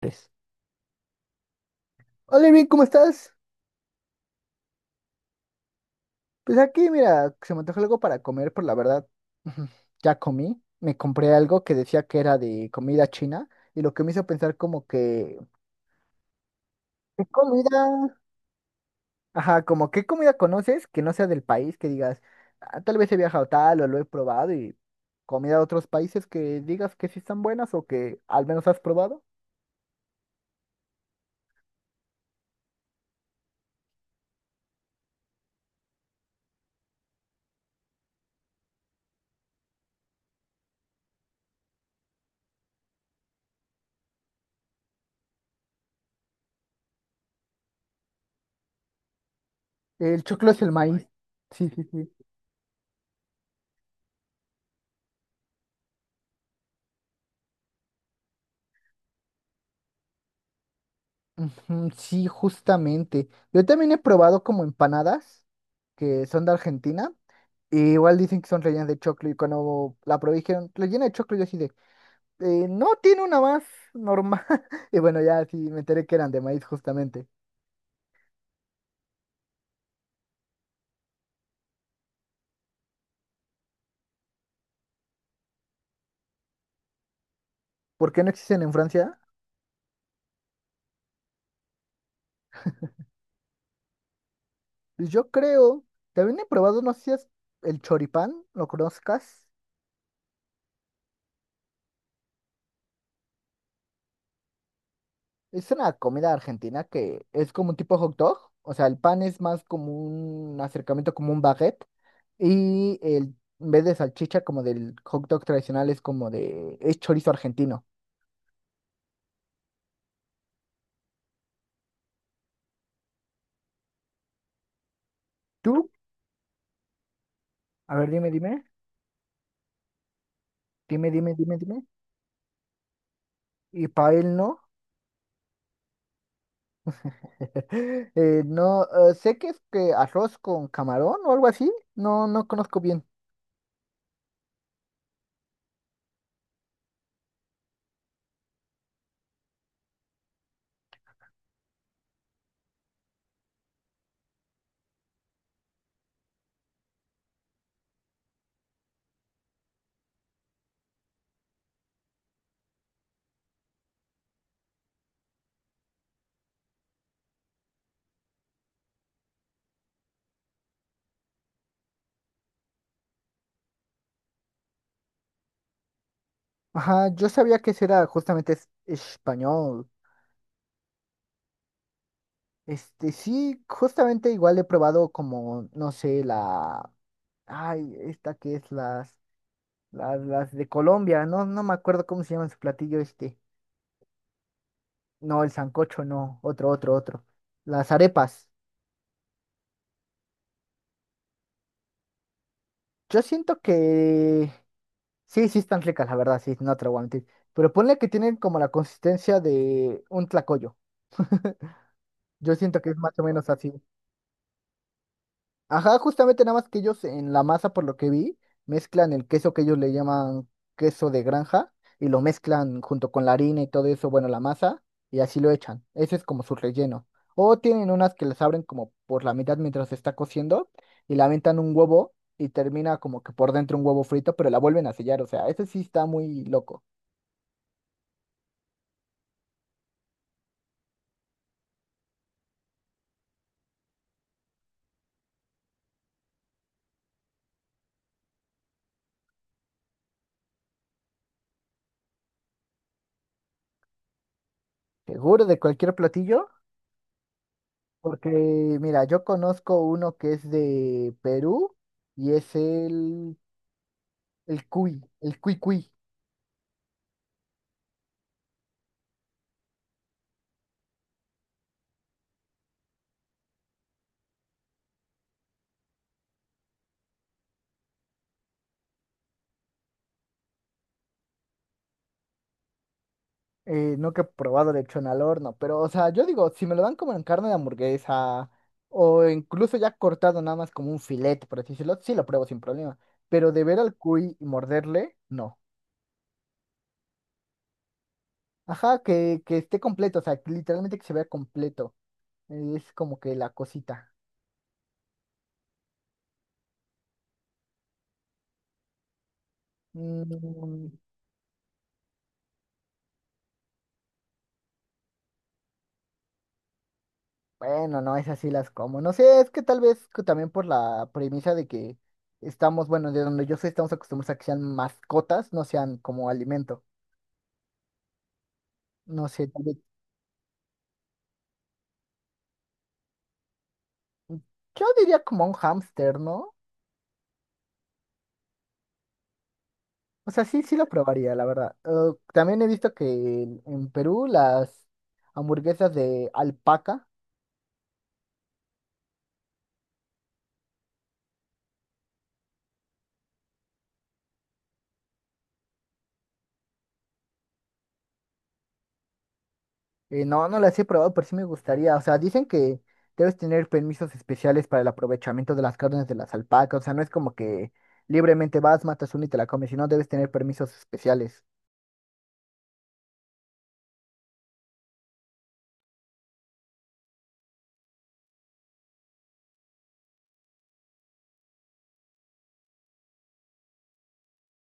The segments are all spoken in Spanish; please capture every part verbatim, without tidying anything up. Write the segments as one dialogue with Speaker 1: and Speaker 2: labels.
Speaker 1: Pues, hola, bien, ¿cómo estás? Pues aquí, mira, se me antoja algo para comer, pero la verdad, ya comí. Me compré algo que decía que era de comida china y lo que me hizo pensar como que, ¿qué comida? Ajá, ¿como qué comida conoces que no sea del país, que digas, "ah, tal vez he viajado tal o lo he probado y comida de otros países que digas que sí están buenas o que al menos has probado. El choclo es el maíz. Sí, sí, sí. Ujú, sí, justamente. Yo también he probado como empanadas que son de Argentina. Y igual dicen que son rellenas de choclo y cuando la probé dijeron, rellena de choclo, y yo así de, "eh, no tiene una más normal. Y bueno, ya sí me enteré que eran de maíz justamente. ¿Por qué no existen en Francia? Pues yo creo, también he probado, no sé si es el choripán, lo conozcas. Es una comida argentina que es como un tipo hot dog. O sea, el pan es más como un acercamiento, como un baguette. Y el, en vez de salchicha, como del hot dog tradicional, es como de, es chorizo argentino. ¿Tú? A ver, dime, dime. Dime, dime, dime, dime. Y para él no. Eh, no, eh, sé que es que arroz con camarón o algo así. No, no conozco bien. Ajá, yo sabía que ese era justamente es- español. Este, sí, justamente igual he probado como, no sé, la... Ay, esta que es las, las, las de Colombia. No, no me acuerdo cómo se llama su platillo este. No, el sancocho, no. Otro, otro, otro. Las arepas. Yo siento que sí, sí están ricas, la verdad, sí, no te lo voy a mentir. Pero ponle que tienen como la consistencia de un tlacoyo. Yo siento que es más o menos así. Ajá, justamente nada más que ellos en la masa, por lo que vi, mezclan el queso que ellos le llaman queso de granja y lo mezclan junto con la harina y todo eso, bueno, la masa, y así lo echan. Ese es como su relleno. O tienen unas que las abren como por la mitad mientras se está cociendo y la aventan un huevo y termina como que por dentro un huevo frito, pero la vuelven a sellar. O sea, ese sí está muy loco. Seguro de cualquier platillo, porque mira, yo conozco uno que es de Perú y es el, el cuy, el cuy cuy. Eh, nunca he probado lechón al horno, pero o sea, yo digo, si me lo dan como en carne de hamburguesa o incluso ya cortado nada más como un filete, por así decirlo, sí lo pruebo sin problema, pero de ver al cuy y morderle, no. Ajá, que, que esté completo, o sea, que literalmente que se vea completo. eh, Es como que la cosita. Mm, bueno, no, esas sí las como. No sé, es que tal vez que también por la premisa de que estamos, bueno, de donde yo soy, estamos acostumbrados a que sean mascotas, no sean como alimento. No sé, tal vez mm, yo diría como un hámster, ¿no? O sea, sí, sí lo probaría, la verdad. Eh, también he visto que en en Perú las hamburguesas de alpaca. Eh, no, no las he probado, pero sí me gustaría. O sea, dicen que debes tener permisos especiales para el aprovechamiento de las carnes de las alpacas. O sea, no es como que libremente vas, matas una y te la comes, sino debes tener permisos especiales.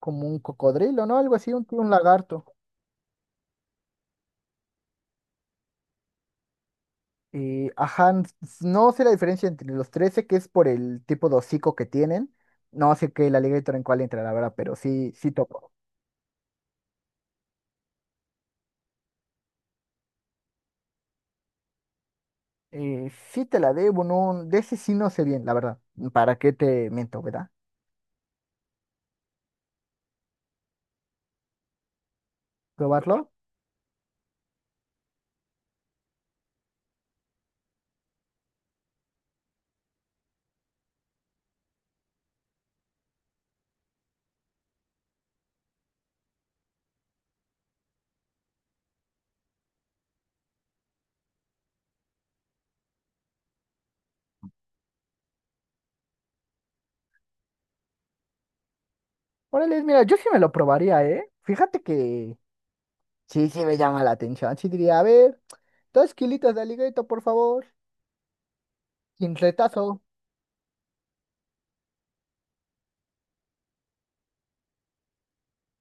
Speaker 1: Como un cocodrilo, ¿no? Algo así, un, un lagarto. Y, ajá, n- s- no sé la diferencia entre los tres, sé que es por el tipo de hocico que tienen. No sé qué el alligator en cuál entra, la verdad, pero sí, sí topo. Eh, sí te la debo, no, de ese sí no sé bien, la verdad. ¿Para qué te miento, verdad? ¿Probarlo? Órale, mira, yo sí me lo probaría, ¿eh? Fíjate que sí, sí me llama la atención. Sí diría, a ver, dos kilitos de aligueto, por favor. Sin retazo.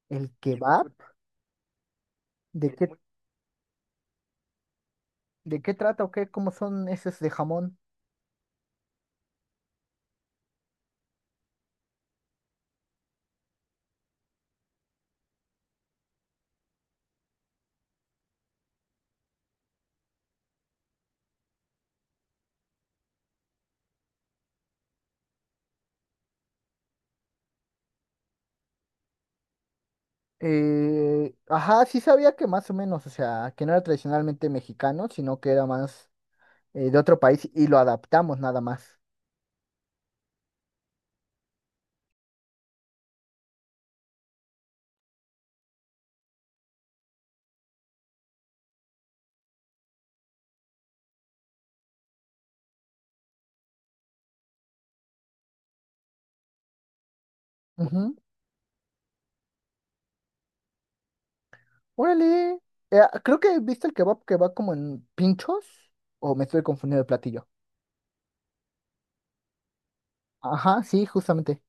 Speaker 1: ¿El kebab? ¿De qué, de qué trata o qué? ¿Cómo son esos de jamón? Eh, ajá, sí sabía que más o menos, o sea, que no era tradicionalmente mexicano, sino que era más eh, de otro país y lo adaptamos nada más. Ujú. Órale. Eh, creo que viste el kebab que va como en pinchos, o me estoy confundiendo de platillo. Ajá, sí, justamente.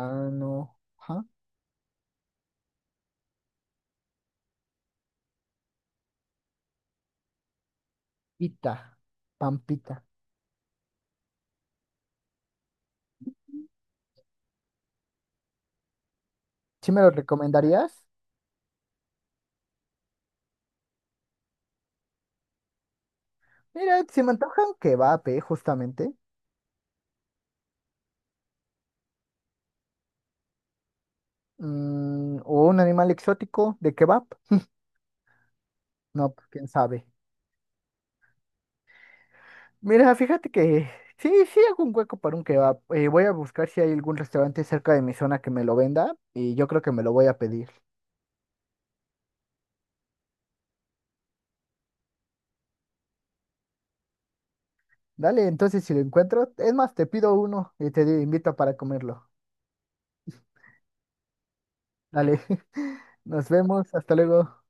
Speaker 1: Anoja, pita, pampita. ¿Sí me lo recomendarías? Mira, si me antoja un kebab, eh, justamente. Mm, o un animal exótico de kebab. No, pues quién sabe. Mira, fíjate que sí, sí hago un hueco para un kebab. Eh, voy a buscar si hay algún restaurante cerca de mi zona que me lo venda y yo creo que me lo voy a pedir. Dale, entonces si lo encuentro, es más, te pido uno y te di- invito para comerlo. Dale, nos vemos, hasta luego.